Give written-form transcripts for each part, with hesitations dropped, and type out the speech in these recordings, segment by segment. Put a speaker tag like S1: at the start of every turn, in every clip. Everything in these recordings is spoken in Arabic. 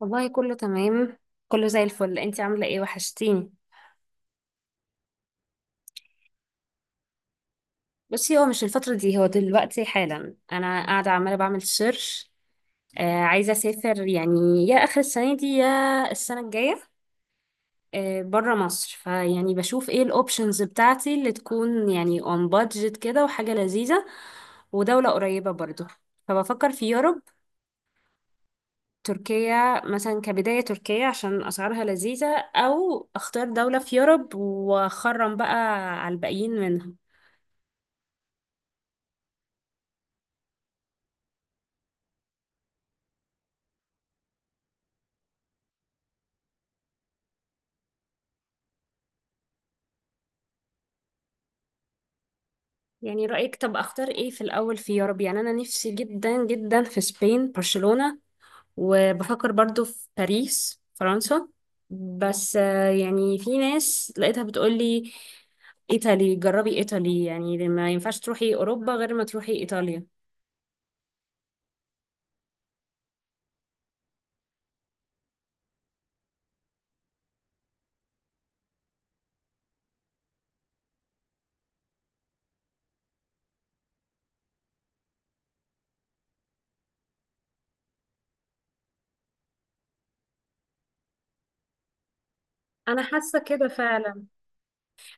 S1: والله كله تمام، كله زي الفل. انتي عاملة ايه؟ وحشتيني. بصي، هو مش الفترة دي، هو دلوقتي حالا انا قاعدة عمالة بعمل سيرش. عايزة اسافر يعني يا اخر السنة دي يا السنة الجاية، برا مصر، فيعني بشوف ايه الاوبشنز بتاعتي اللي تكون يعني اون بادجت كده وحاجة لذيذة ودولة قريبة برضو. فبفكر في يوروب، تركيا مثلا كبداية، تركيا عشان أسعارها لذيذة، أو أختار دولة في يوروب وأخرم بقى على الباقيين منها. يعني رأيك؟ طب اختار ايه في الاول في يوروب؟ يعني انا نفسي جدا جدا في سبين، برشلونة. وبفكر برضو في باريس، فرنسا. بس يعني في ناس لقيتها بتقولي ايطالي، جربي ايطالي، يعني ما ينفعش تروحي اوروبا غير ما تروحي ايطاليا. انا حاسه كده فعلا.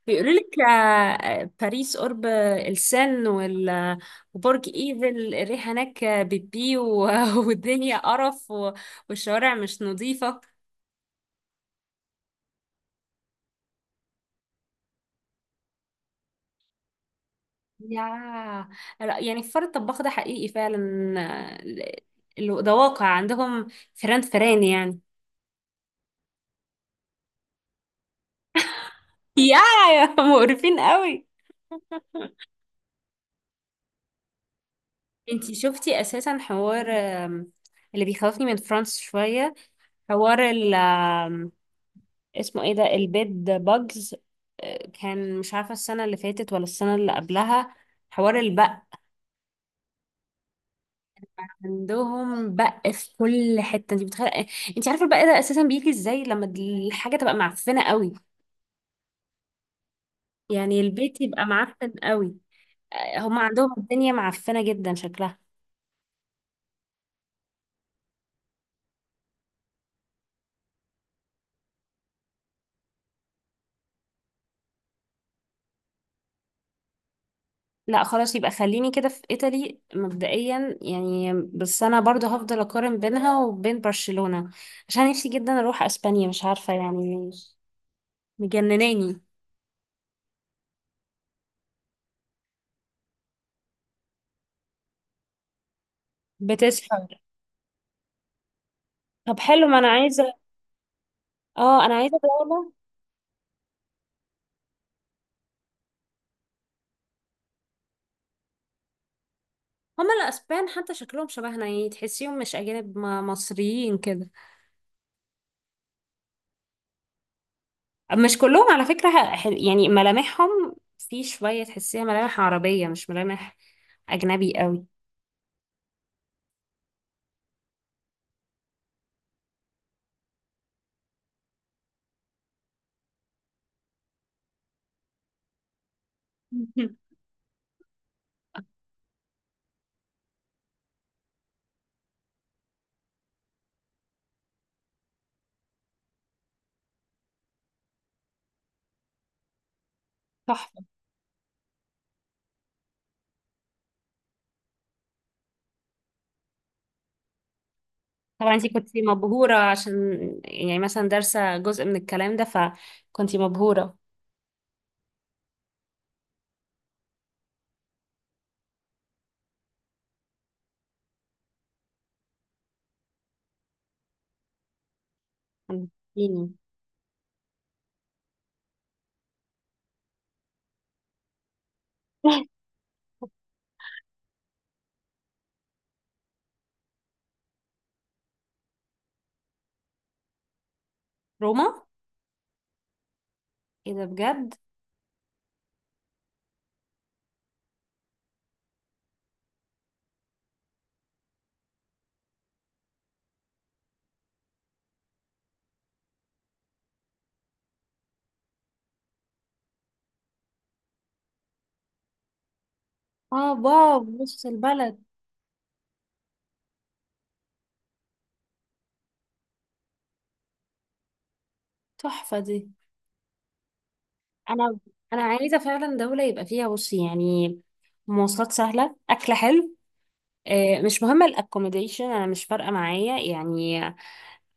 S1: بيقولوا لك باريس قرب السن وبرج ايفل الريحه هناك بتبي والدنيا قرف والشوارع مش نظيفه. يا لا، يعني فار الطباخ ده حقيقي فعلا. آه، ده واقع عندهم. فران فران يعني. يا، يا مقرفين قوي. انتي شفتي اساسا حوار اللي بيخوفني من فرانس شوية، حوار ال آم، اسمه ايه ده؟ البيد باجز. كان مش عارفة السنة اللي فاتت ولا السنة اللي قبلها، حوار البق. عندهم بق في كل حتة، انت بتخيل؟ انت عارفة البق ده اساسا بيجي ازاي؟ لما الحاجة تبقى معفنة قوي، يعني البيت يبقى معفن قوي. هم عندهم الدنيا معفنة جدا شكلها. لا خلاص، يبقى خليني كده في إيطالي مبدئيا يعني، بس أنا برضه هفضل أقارن بينها وبين برشلونة، عشان نفسي جدا أروح أسبانيا، مش عارفة يعني. مجنناني. بتسحر. طب حلو، ما أنا عايزة، اه أنا عايزة دولة. هما الأسبان حتى شكلهم شبهنا، يعني تحسيهم مش أجانب، مصريين كده. مش كلهم على فكرة، يعني ملامحهم في شوية تحسيها ملامح عربية، مش ملامح أجنبي قوي. مهم. تحفة. طبعا انتي كنت مبهورة عشان يعني مثلا دارسة جزء من الكلام ده، فكنتي مبهورة يعني. روما. ايه ده بجد؟ اه واو، بص البلد. تحفة دي. انا انا عايزة فعلا دولة يبقى فيها، بصي يعني، مواصلات سهلة، اكل حلو. مش مهم الاكوموديشن، انا مش فارقة معايا يعني.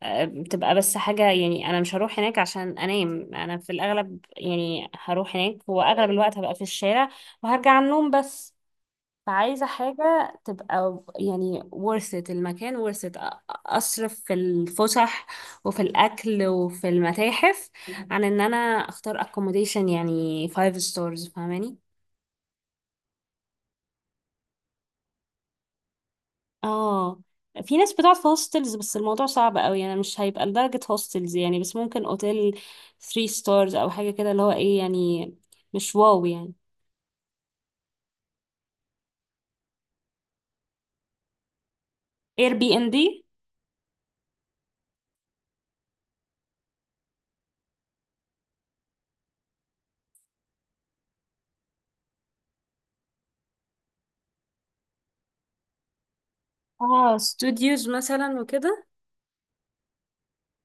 S1: بتبقى بس حاجة يعني، أنا مش هروح هناك عشان أنام، أنا في الأغلب يعني هروح هناك وأغلب الوقت هبقى في الشارع وهرجع على النوم بس. فعايزة حاجة تبقى يعني worth it، المكان worth it. أصرف في الفسح وفي الأكل وفي المتاحف، عن إن أنا أختار accommodation يعني five stars، فاهماني؟ اه، في ناس بتقعد في هوستلز، بس الموضوع صعب قوي يعني، مش هيبقى لدرجة هوستلز يعني، بس ممكن اوتيل 3 ستارز او حاجة كده اللي هو ايه يعني، مش واو يعني. اير بي ان دي، اه ستوديوز مثلا وكده.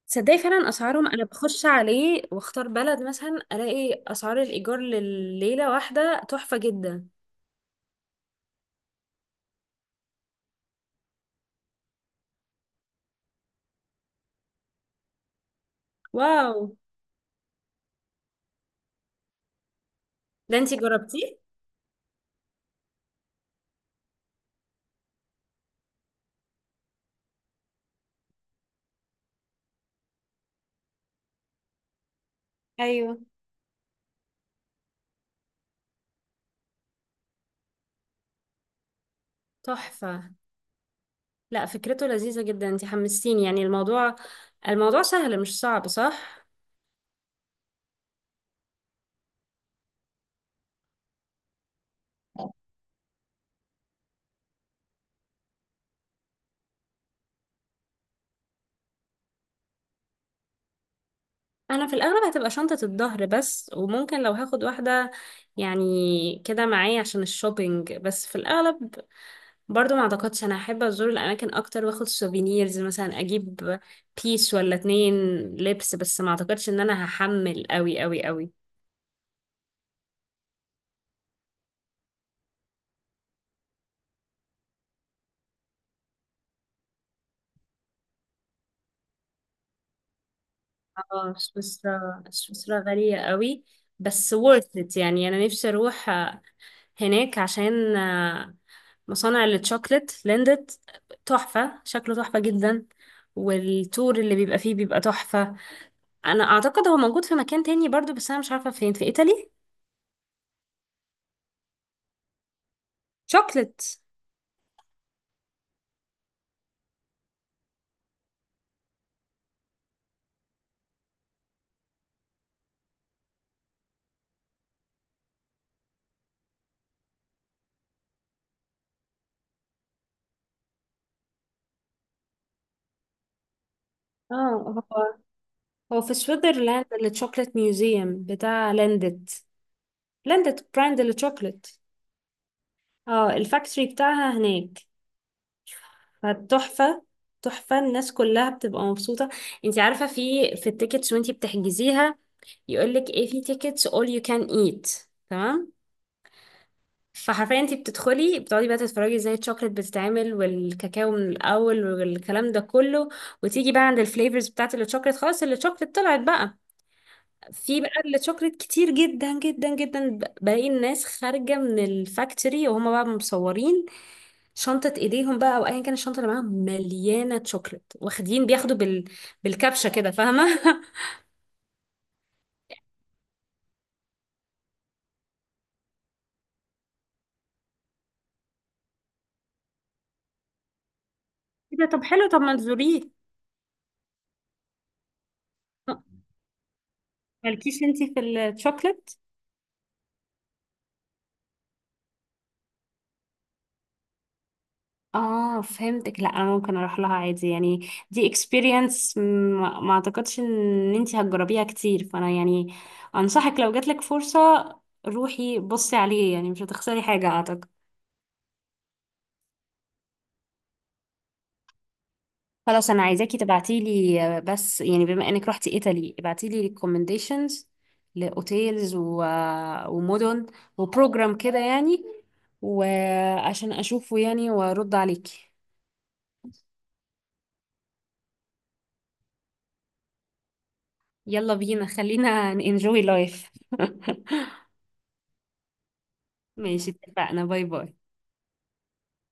S1: تصدقي فعلا اسعارهم! انا بخش عليه واختار بلد مثلا، الاقي اسعار الايجار لليلة واحدة تحفة جدا. واو. ده انتي جربتيه؟ ايوه، تحفة. لا فكرته لذيذة جدا، انتي حمستيني يعني. الموضوع سهل مش صعب، صح؟ انا في الاغلب هتبقى شنطة الظهر بس، وممكن لو هاخد واحدة يعني كده معايا عشان الشوبينج، بس في الاغلب برضو ما اعتقدش. انا احب ازور الاماكن اكتر، واخد سوفينيرز مثلا، اجيب بيس ولا اتنين لبس، بس ما اعتقدش ان انا هحمل قوي قوي قوي. اه سويسرا، سويسرا غالية قوي. بس worth it يعني، انا نفسي اروح هناك عشان مصانع الشوكلت ليندت. تحفة، شكله تحفة جدا، والتور اللي بيبقى فيه بيبقى تحفة. انا اعتقد هو موجود في مكان تاني برضو، بس انا مش عارفة فين، في ايطالي. شوكلت. اه هو هو في سويسرلاند الشوكلت ميوزيوم بتاع ليندت. ليندت براند الشوكلت. اه الفاكتوري بتاعها هناك، فتحفة. تحفة، الناس كلها بتبقى مبسوطة. انت عارفة في التيكتس وانت بتحجزيها يقولك ايه؟ في تيكتس all you can eat. تمام، فحرفيا انت بتدخلي، بتقعدي بقى تتفرجي ازاي الشوكليت بتتعمل والكاكاو من الاول والكلام ده كله، وتيجي بقى عند الفليفرز بتاعت الشوكليت، خلاص الشوكليت طلعت بقى. في بقى الشوكليت كتير جدا جدا جدا، باقي الناس خارجة من الفاكتوري وهما بقى مصورين شنطة ايديهم بقى او ايا كان الشنطة اللي معاهم مليانة شوكليت، واخدين، بياخدوا بالكبشة كده، فاهمة؟ إيه ده؟ طب حلو، طب ما تزوريه. مالكيش انتي في الشوكليت؟ اه فهمتك. لا انا ممكن اروح لها عادي يعني، دي اكسبيرينس ما اعتقدش ان انتي هتجربيها كتير، فانا يعني انصحك، لو جاتلك فرصة روحي بصي عليه يعني، مش هتخسري حاجة اعتقد. خلاص انا عايزاكي تبعتيلي، بس يعني بما انك رحتي ايطالي، ابعتيلي ريكومنديشنز لاوتيلز و... آه، ومدن وبروجرام كده يعني، وعشان اشوفه يعني وارد عليكي. يلا بينا، خلينا انجوي لايف. ماشي اتفقنا، باي باي.